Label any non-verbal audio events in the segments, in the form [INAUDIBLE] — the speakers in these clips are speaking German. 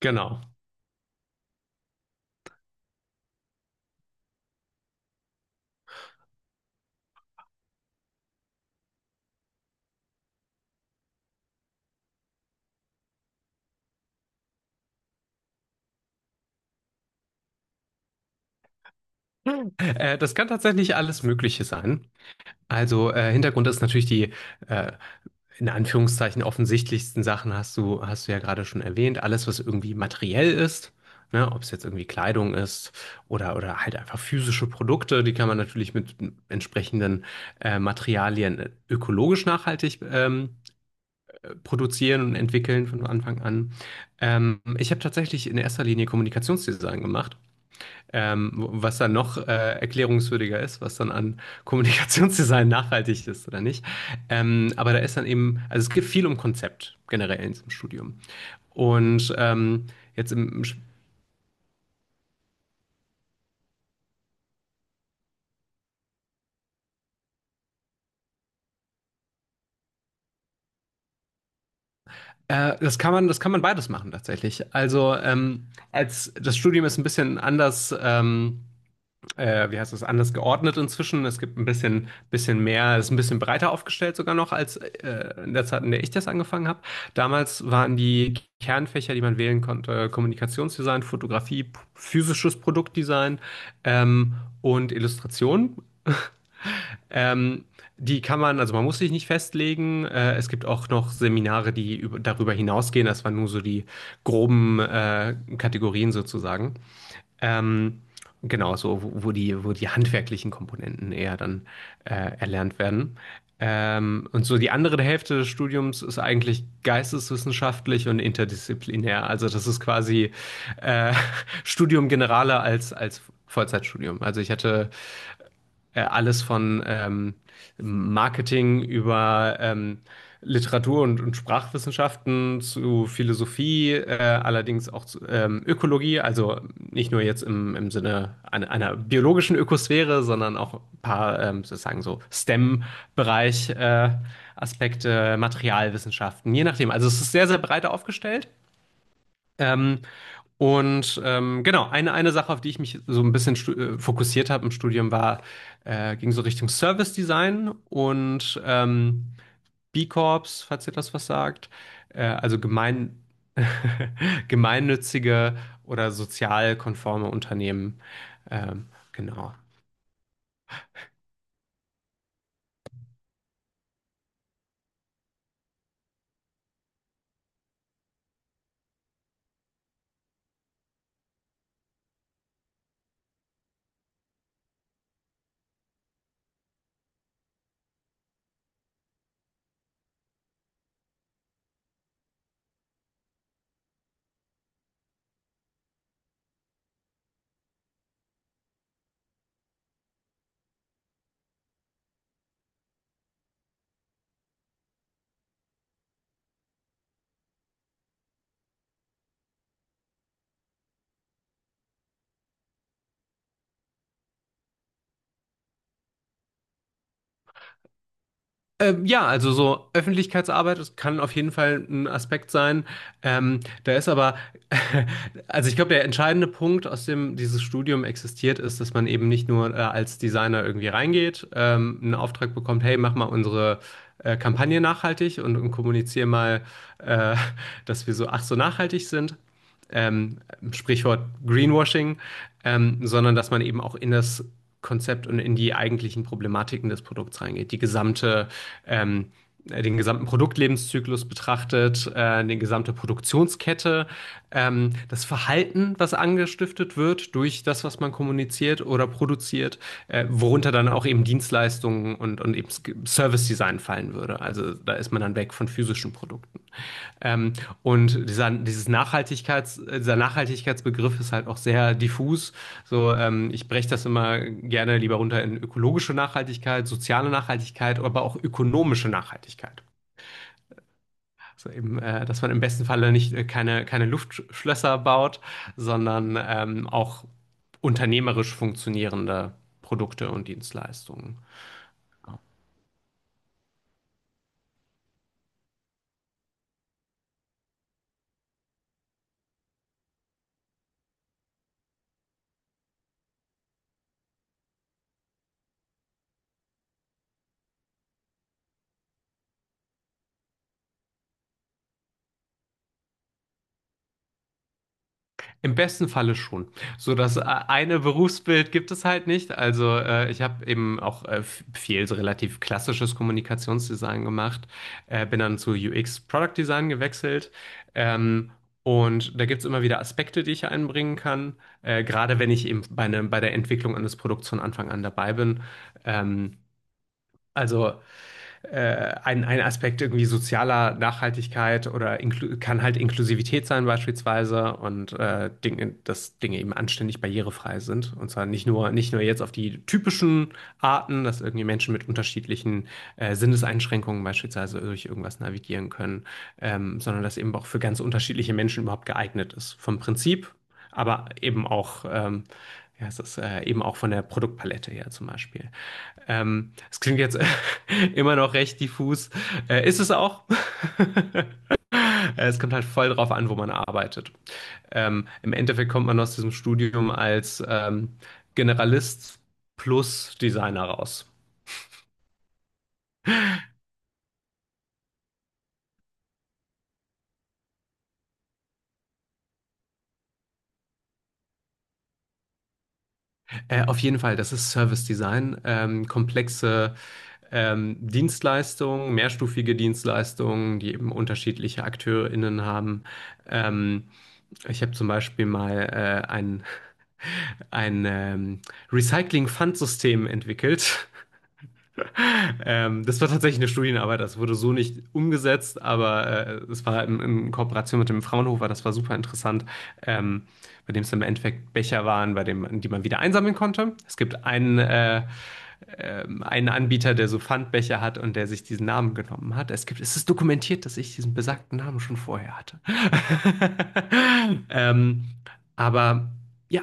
Genau. Das kann tatsächlich alles Mögliche sein. Also Hintergrund ist natürlich die äh, in Anführungszeichen offensichtlichsten Sachen, hast du ja gerade schon erwähnt. Alles, was irgendwie materiell ist, ne, ob es jetzt irgendwie Kleidung ist oder halt einfach physische Produkte, die kann man natürlich mit entsprechenden Materialien ökologisch nachhaltig produzieren und entwickeln von Anfang an. Ich habe tatsächlich in erster Linie Kommunikationsdesign gemacht. Was dann noch erklärungswürdiger ist, was dann an Kommunikationsdesign [LAUGHS] nachhaltig ist oder nicht. Aber da ist dann eben, also es geht viel um Konzept generell in diesem Studium. Und jetzt im, im Sch- Das kann man beides machen tatsächlich. Also als das Studium ist ein bisschen anders. Wie heißt das, anders geordnet inzwischen. Es gibt ein bisschen mehr, ist ein bisschen breiter aufgestellt sogar noch als in der Zeit, in der ich das angefangen habe. Damals waren die Kernfächer, die man wählen konnte, Kommunikationsdesign, Fotografie, physisches Produktdesign ähm, und Illustration. Ähm, die kann man, also man muss sich nicht festlegen. Es gibt auch noch Seminare, die darüber hinausgehen. Das waren nur so die groben Kategorien sozusagen. Ähm, genau, so, wo die handwerklichen Komponenten eher dann erlernt werden. Und so die andere Hälfte des Studiums ist eigentlich geisteswissenschaftlich und interdisziplinär. Also das ist quasi äh, [LAUGHS] Studium Generale als Vollzeitstudium. Also ich hatte alles von Marketing über Literatur und Sprachwissenschaften zu Philosophie, allerdings auch zu Ökologie, also nicht nur jetzt im Sinne einer biologischen Ökosphäre, sondern auch ein paar sozusagen so STEM-Bereich Aspekte, Materialwissenschaften, je nachdem. Also es ist sehr, sehr breit aufgestellt. Ähm, und genau, eine Sache, auf die ich mich so ein bisschen fokussiert habe im Studium, war, ging so Richtung Service Design und B Corps, falls ihr das was sagt, also [LAUGHS] gemeinnützige oder sozial konforme Unternehmen. Ähm, genau. Ja, also so Öffentlichkeitsarbeit, das kann auf jeden Fall ein Aspekt sein. Da ist aber, [LAUGHS] also ich glaube, der entscheidende Punkt, aus dem dieses Studium existiert, ist, dass man eben nicht nur als Designer irgendwie reingeht, einen Auftrag bekommt, hey, mach mal unsere Kampagne nachhaltig und kommuniziere mal, äh, [LAUGHS] dass wir so, ach so nachhaltig sind, ähm, Sprichwort Greenwashing, sondern dass man eben auch in das Konzept und in die eigentlichen Problematiken des Produkts reingeht. Die gesamte ähm, den gesamten Produktlebenszyklus betrachtet, die gesamte Produktionskette, das Verhalten, was angestiftet wird durch das, was man kommuniziert oder produziert, worunter dann auch eben Dienstleistungen und eben Service Design fallen würde. Also da ist man dann weg von physischen Produkten. Ähm, und dieser Nachhaltigkeitsbegriff ist halt auch sehr diffus. So, ich breche das immer gerne lieber runter in ökologische Nachhaltigkeit, soziale Nachhaltigkeit, aber auch ökonomische Nachhaltigkeit. Also eben, dass man im besten Falle nicht keine Luftschlösser baut, sondern auch unternehmerisch funktionierende Produkte und Dienstleistungen. Im besten Falle schon. So das eine Berufsbild gibt es halt nicht. Also ich habe eben auch viel so relativ klassisches Kommunikationsdesign gemacht, bin dann zu UX Product Design gewechselt. Ähm, und da gibt es immer wieder Aspekte, die ich einbringen kann. Gerade wenn ich eben bei, ne, bei der Entwicklung eines Produkts von Anfang an dabei bin. Ähm, also ein Aspekt irgendwie sozialer Nachhaltigkeit oder kann halt Inklusivität sein beispielsweise und Dinge, dass Dinge eben anständig barrierefrei sind. Und zwar nicht nur, nicht nur jetzt auf die typischen Arten, dass irgendwie Menschen mit unterschiedlichen Sinneseinschränkungen beispielsweise durch irgendwas navigieren können, sondern dass eben auch für ganz unterschiedliche Menschen überhaupt geeignet ist. Vom Prinzip, aber eben auch, ja, es ist eben auch von der Produktpalette her zum Beispiel. Es klingt jetzt [LAUGHS] immer noch recht diffus. Ist es auch. [LAUGHS] Es kommt halt voll drauf an, wo man arbeitet. Im Endeffekt kommt man aus diesem Studium als Generalist plus Designer raus. Auf jeden Fall, das ist Service Design. Komplexe Dienstleistungen, mehrstufige Dienstleistungen, die eben unterschiedliche AkteurInnen haben. Ähm, Ich habe zum Beispiel mal [LAUGHS] ein Recycling-Pfandsystem entwickelt. [LAUGHS] Das war tatsächlich eine Studienarbeit, das wurde so nicht umgesetzt, aber es war in Kooperation mit dem Fraunhofer, das war super interessant, ähm, bei dem es im Endeffekt Becher waren, bei dem, die man wieder einsammeln konnte. Es gibt einen Anbieter, der so Pfandbecher hat und der sich diesen Namen genommen hat. Es gibt, es ist dokumentiert, dass ich diesen besagten Namen schon vorher hatte. [LAUGHS] ähm, aber ja,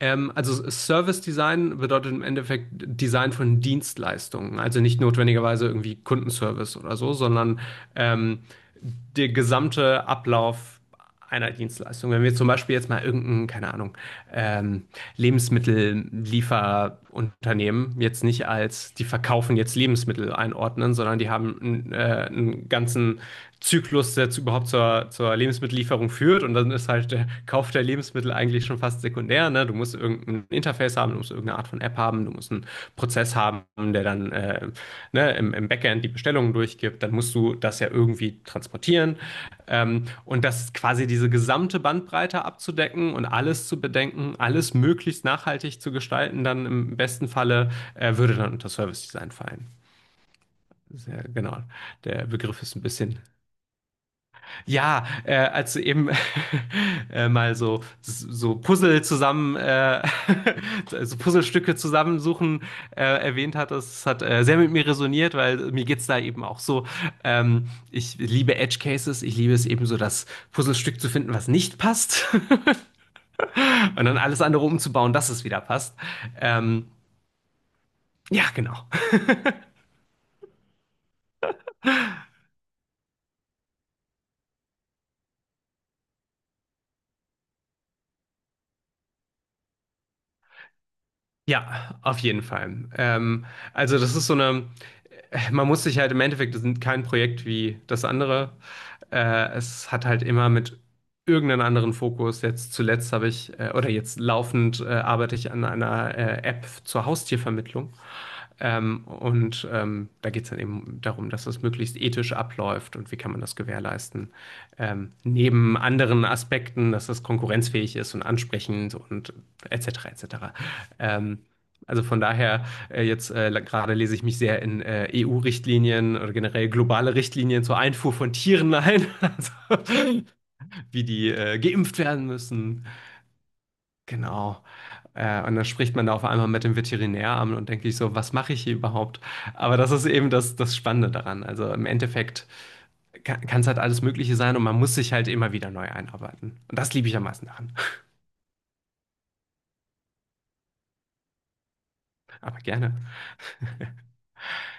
also Service Design bedeutet im Endeffekt Design von Dienstleistungen. Also nicht notwendigerweise irgendwie Kundenservice oder so, sondern ähm, der gesamte Ablauf einer Dienstleistung. Wenn wir zum Beispiel jetzt mal irgendeinen, keine Ahnung, ähm, Lebensmittelliefer- Unternehmen jetzt nicht als, die verkaufen jetzt Lebensmittel einordnen, sondern die haben einen ganzen Zyklus, der überhaupt zur Lebensmittellieferung führt. Und dann ist halt der Kauf der Lebensmittel eigentlich schon fast sekundär. Ne? Du musst irgendein Interface haben, du musst irgendeine Art von App haben, du musst einen Prozess haben, der dann ne, im Backend die Bestellungen durchgibt, dann musst du das ja irgendwie transportieren. Und das quasi diese gesamte Bandbreite abzudecken und alles zu bedenken, alles möglichst nachhaltig zu gestalten, dann im besten Falle würde dann unter Service Design fallen. Sehr, genau, der Begriff ist ein bisschen, ja, als du eben [LAUGHS] mal [LAUGHS] so Puzzlestücke zusammensuchen erwähnt hattest, das hat sehr mit mir resoniert, weil mir geht's da eben auch so. Ich liebe Edge Cases, ich liebe es eben so, das Puzzlestück zu finden, was nicht passt [LAUGHS] und dann alles andere umzubauen, dass es wieder passt. Ähm, ja, genau. Ja, auf jeden Fall. Also das ist so eine, man muss sich halt im Endeffekt, das ist kein Projekt wie das andere. Es hat halt immer mit irgendeinem anderen Fokus. Jetzt zuletzt habe ich, oder jetzt laufend arbeite ich an einer App zur Haustiervermittlung. Da geht es dann eben darum, dass das möglichst ethisch abläuft und wie kann man das gewährleisten. Neben anderen Aspekten, dass das konkurrenzfähig ist und ansprechend und etc. etc. Ähm, also von daher, jetzt gerade lese ich mich sehr in EU-Richtlinien oder generell globale Richtlinien zur Einfuhr von Tieren ein, [LAUGHS] also, wie die geimpft werden müssen. Genau. Und dann spricht man da auf einmal mit dem Veterinäramt und denke ich so, was mache ich hier überhaupt? Aber das ist eben das Spannende daran. Also im Endeffekt kann es halt alles Mögliche sein und man muss sich halt immer wieder neu einarbeiten. Und das liebe ich am meisten daran. [LAUGHS] Aber gerne.